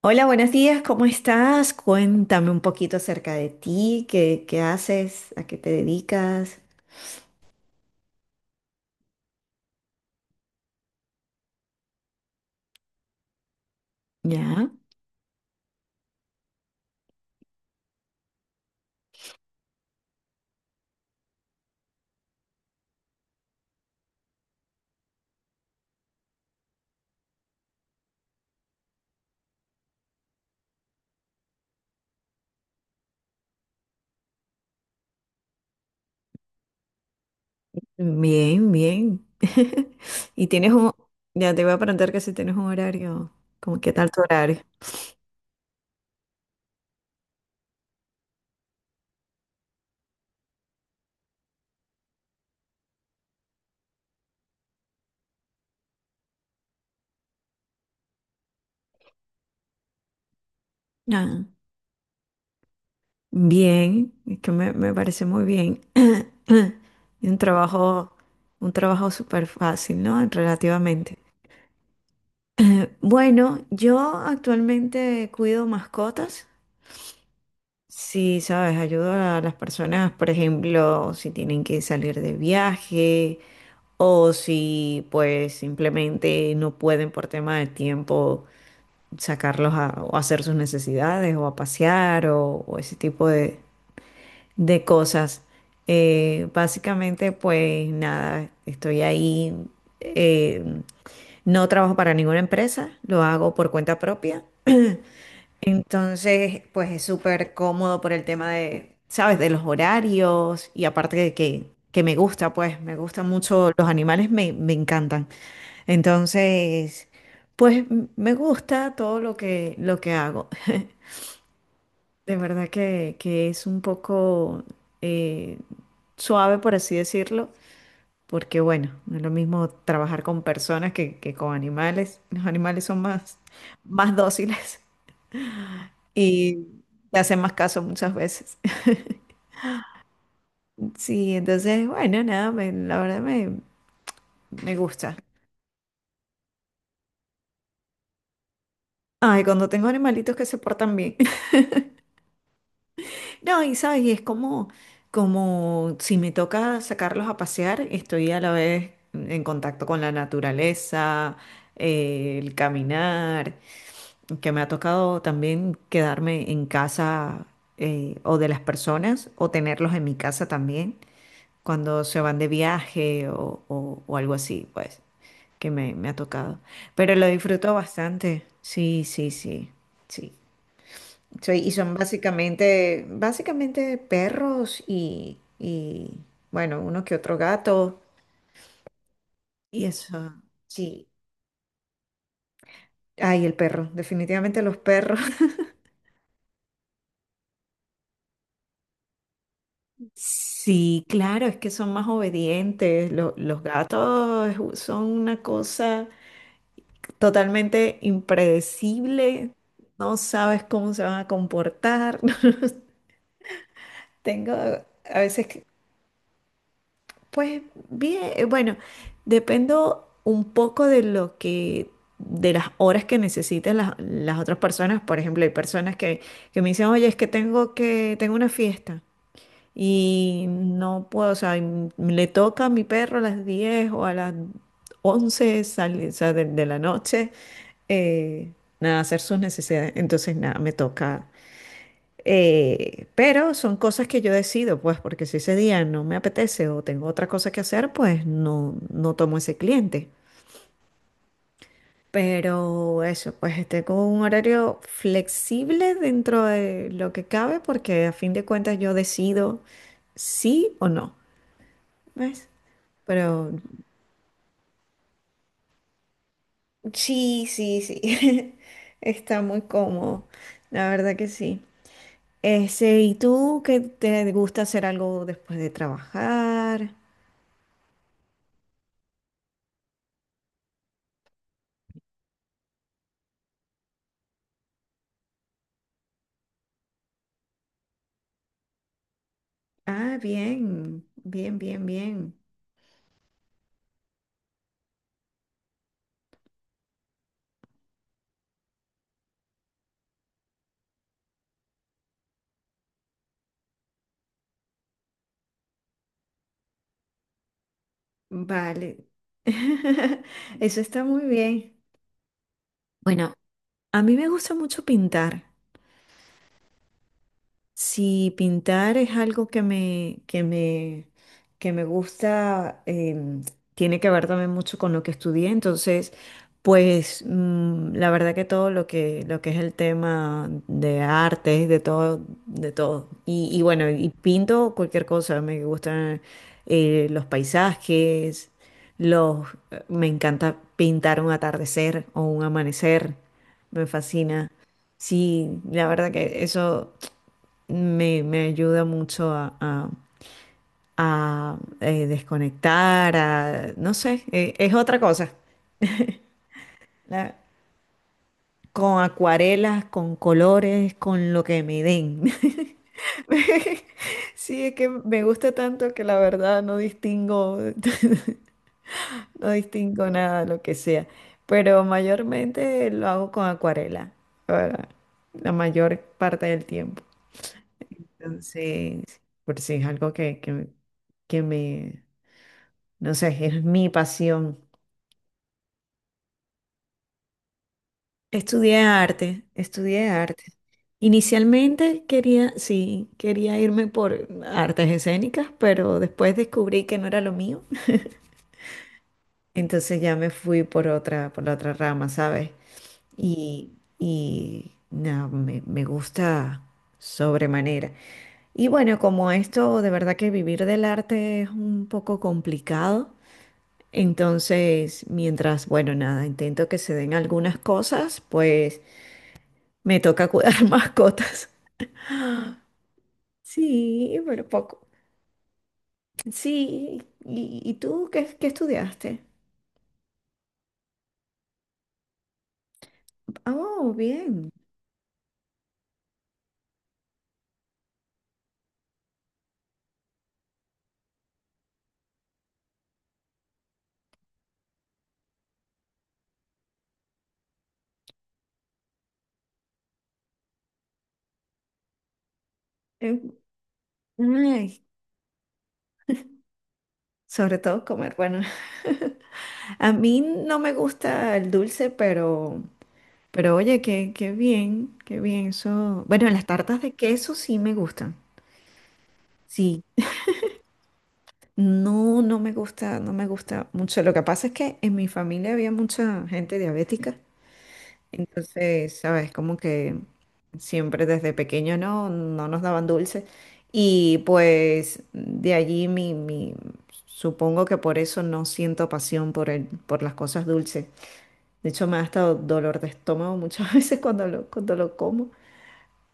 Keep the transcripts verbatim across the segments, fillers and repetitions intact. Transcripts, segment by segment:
Hola, buenos días, ¿cómo estás? Cuéntame un poquito acerca de ti, qué, qué haces, a qué te dedicas. Ya, bien, bien. Y tienes un, ya te voy a preguntar que si tienes un horario, como qué tal tu horario. Ah, bien, es que me, me parece muy bien. Y un trabajo, un trabajo súper fácil, ¿no? Relativamente. Bueno, yo actualmente cuido mascotas. Sí, sabes, ayudo a las personas, por ejemplo, si tienen que salir de viaje o si pues simplemente no pueden por tema de tiempo sacarlos a, o hacer sus necesidades o a pasear o, o ese tipo de, de cosas. Eh, básicamente pues nada, estoy ahí, eh, no trabajo para ninguna empresa, lo hago por cuenta propia. Entonces, pues es súper cómodo por el tema de, ¿sabes? De los horarios y aparte de que, que me gusta, pues me gustan mucho los animales, me, me encantan. Entonces, pues m- me gusta todo lo que, lo que hago. De verdad que, que es un poco eh, suave, por así decirlo, porque bueno, no es lo mismo trabajar con personas que, que con animales. Los animales son más, más dóciles. Y te hacen más caso muchas veces. Sí, entonces, bueno, nada, me- la verdad me, me gusta. Ay, cuando tengo animalitos que se portan bien. No, y sabes, y es como, como si me toca sacarlos a pasear, estoy a la vez en contacto con la naturaleza, eh, el caminar, que me ha tocado también quedarme en casa eh, o de las personas o tenerlos en mi casa también cuando se van de viaje o, o- o algo así, pues. Que me, me ha tocado. Pero lo disfruto bastante. Sí, sí, sí, sí. Soy, y son básicamente, básicamente perros y, y, bueno, uno que otro gato. Y eso, sí. Ay, el perro, definitivamente los perros. Sí, claro, es que son más obedientes. Lo- los gatos son una cosa totalmente impredecible. No sabes cómo se van a comportar. Tengo a veces. Pues bien, eh, bueno, dependo un poco de lo que, de las horas que necesiten las, las otras personas. Por ejemplo, hay personas que, que me dicen, oye, es que tengo que, tengo una fiesta y no puedo, o sea, y le toca a mi perro a las diez o a las once sale- o sea, de, de la noche, eh, nada, hacer sus necesidades. Entonces, nada, me toca. Eh, pero son cosas que yo decido, pues, porque si ese día no me apetece o tengo otra cosa que hacer, pues no, no tomo ese cliente. Pero eso, pues tengo un horario flexible dentro de lo que cabe, porque a fin de cuentas yo decido sí o no, ¿ves? Pero sí, sí, sí, está muy cómodo, la verdad que sí. Ese, ¿y tú qué te gusta hacer algo después de trabajar? Ah, bien, bien, bien, bien. Vale. Eso está muy bien. Bueno, a mí me gusta mucho pintar. Si pintar es algo que me, que me, que me gusta, em, tiene que ver también mucho con lo que estudié. Entonces, pues mm, la verdad que todo lo que, lo que es el tema de artes, de todo, de todo. Y, y bueno, y pinto cualquier cosa. Me gustan eh, los paisajes, los, me encanta pintar un atardecer o un amanecer. Me fascina. Sí, la verdad que eso me, me ayuda mucho a, a- a, eh, desconectar, a, no sé, eh, es otra cosa. La- con acuarelas, con colores, con lo que me den. Sí, es que me gusta tanto que la verdad no distingo, no distingo nada, lo que sea. Pero mayormente lo hago con acuarela, para la mayor parte del tiempo. Entonces, por si es algo que, que, que me. Entonces, es mi pasión. Estudié arte. Estudié arte. Inicialmente quería, sí, quería irme por artes escénicas, pero después descubrí que no era lo mío. Entonces ya me fui por otra, por la otra rama, ¿sabes? Y, y no, me, me gusta sobremanera. Y bueno, como esto de verdad que vivir del arte es un poco complicado, entonces mientras, bueno, nada, intento que se den algunas cosas, pues. Me toca cuidar mascotas. Sí, pero poco. Sí, ¿y, y tú qué, qué estudiaste? Oh, bien. Eh, ay, sobre todo comer. Bueno, a mí no me gusta el dulce, pero, pero oye, qué, qué bien, qué bien eso. Bueno, las tartas de queso sí me gustan. Sí, no, no me gusta, no me gusta mucho. Lo que pasa es que en mi familia había mucha gente diabética. Entonces, sabes, como que siempre desde pequeño no, no nos daban dulce. Y pues de allí mi, mi- supongo que por eso no siento pasión por el, por las cosas dulces. De hecho, me ha estado dolor de estómago muchas veces cuando lo, cuando lo como.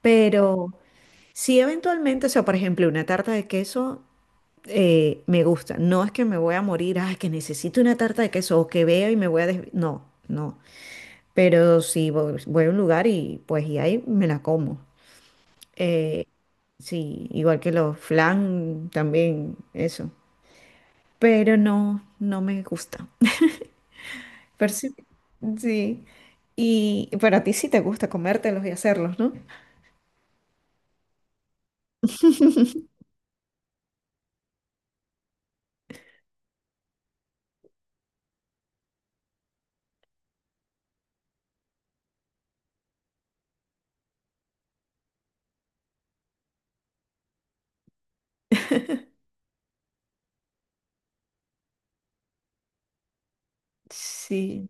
Pero si eventualmente, o sea, por ejemplo, una tarta de queso eh, me gusta. No es que me voy a morir, ay, que necesito una tarta de queso o que veo y me voy a des- no, no. Pero si voy, voy a un lugar y pues y ahí me la como. Eh, sí, igual que los flan también, eso. Pero no, no me gusta. Pero sí, sí. Y pero a ti sí te gusta comértelos y hacerlos, ¿no? Sí,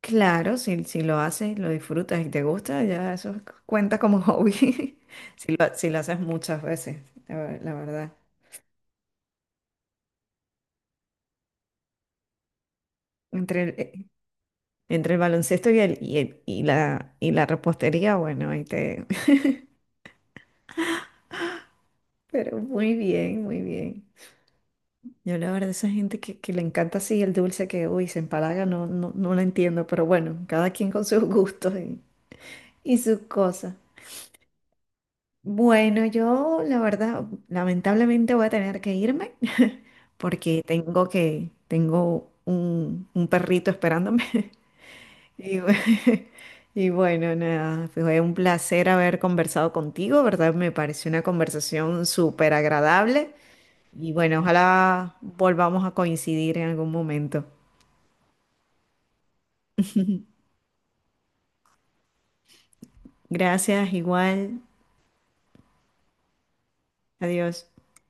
claro, si, si lo haces, lo disfrutas y te gusta, ya eso cuenta como hobby. Si lo, si lo haces muchas veces, la, ver- la verdad. Entre el- eh, Entre el baloncesto y, el, y, el- y la, y la repostería, bueno, ahí te... Pero muy bien, muy bien. Yo la verdad, esa gente que, que le encanta así el dulce que, uy, se empalaga, no, no, no la entiendo, pero bueno, cada quien con sus gustos y, y sus cosas. Bueno, yo la verdad, lamentablemente voy a tener que irme porque tengo que, tengo un, un perrito esperándome. Y, bu- y bueno, nada, fue un placer haber conversado contigo, ¿verdad? Me pareció una conversación súper agradable y bueno, ojalá volvamos a coincidir en algún momento. Gracias, igual, adiós.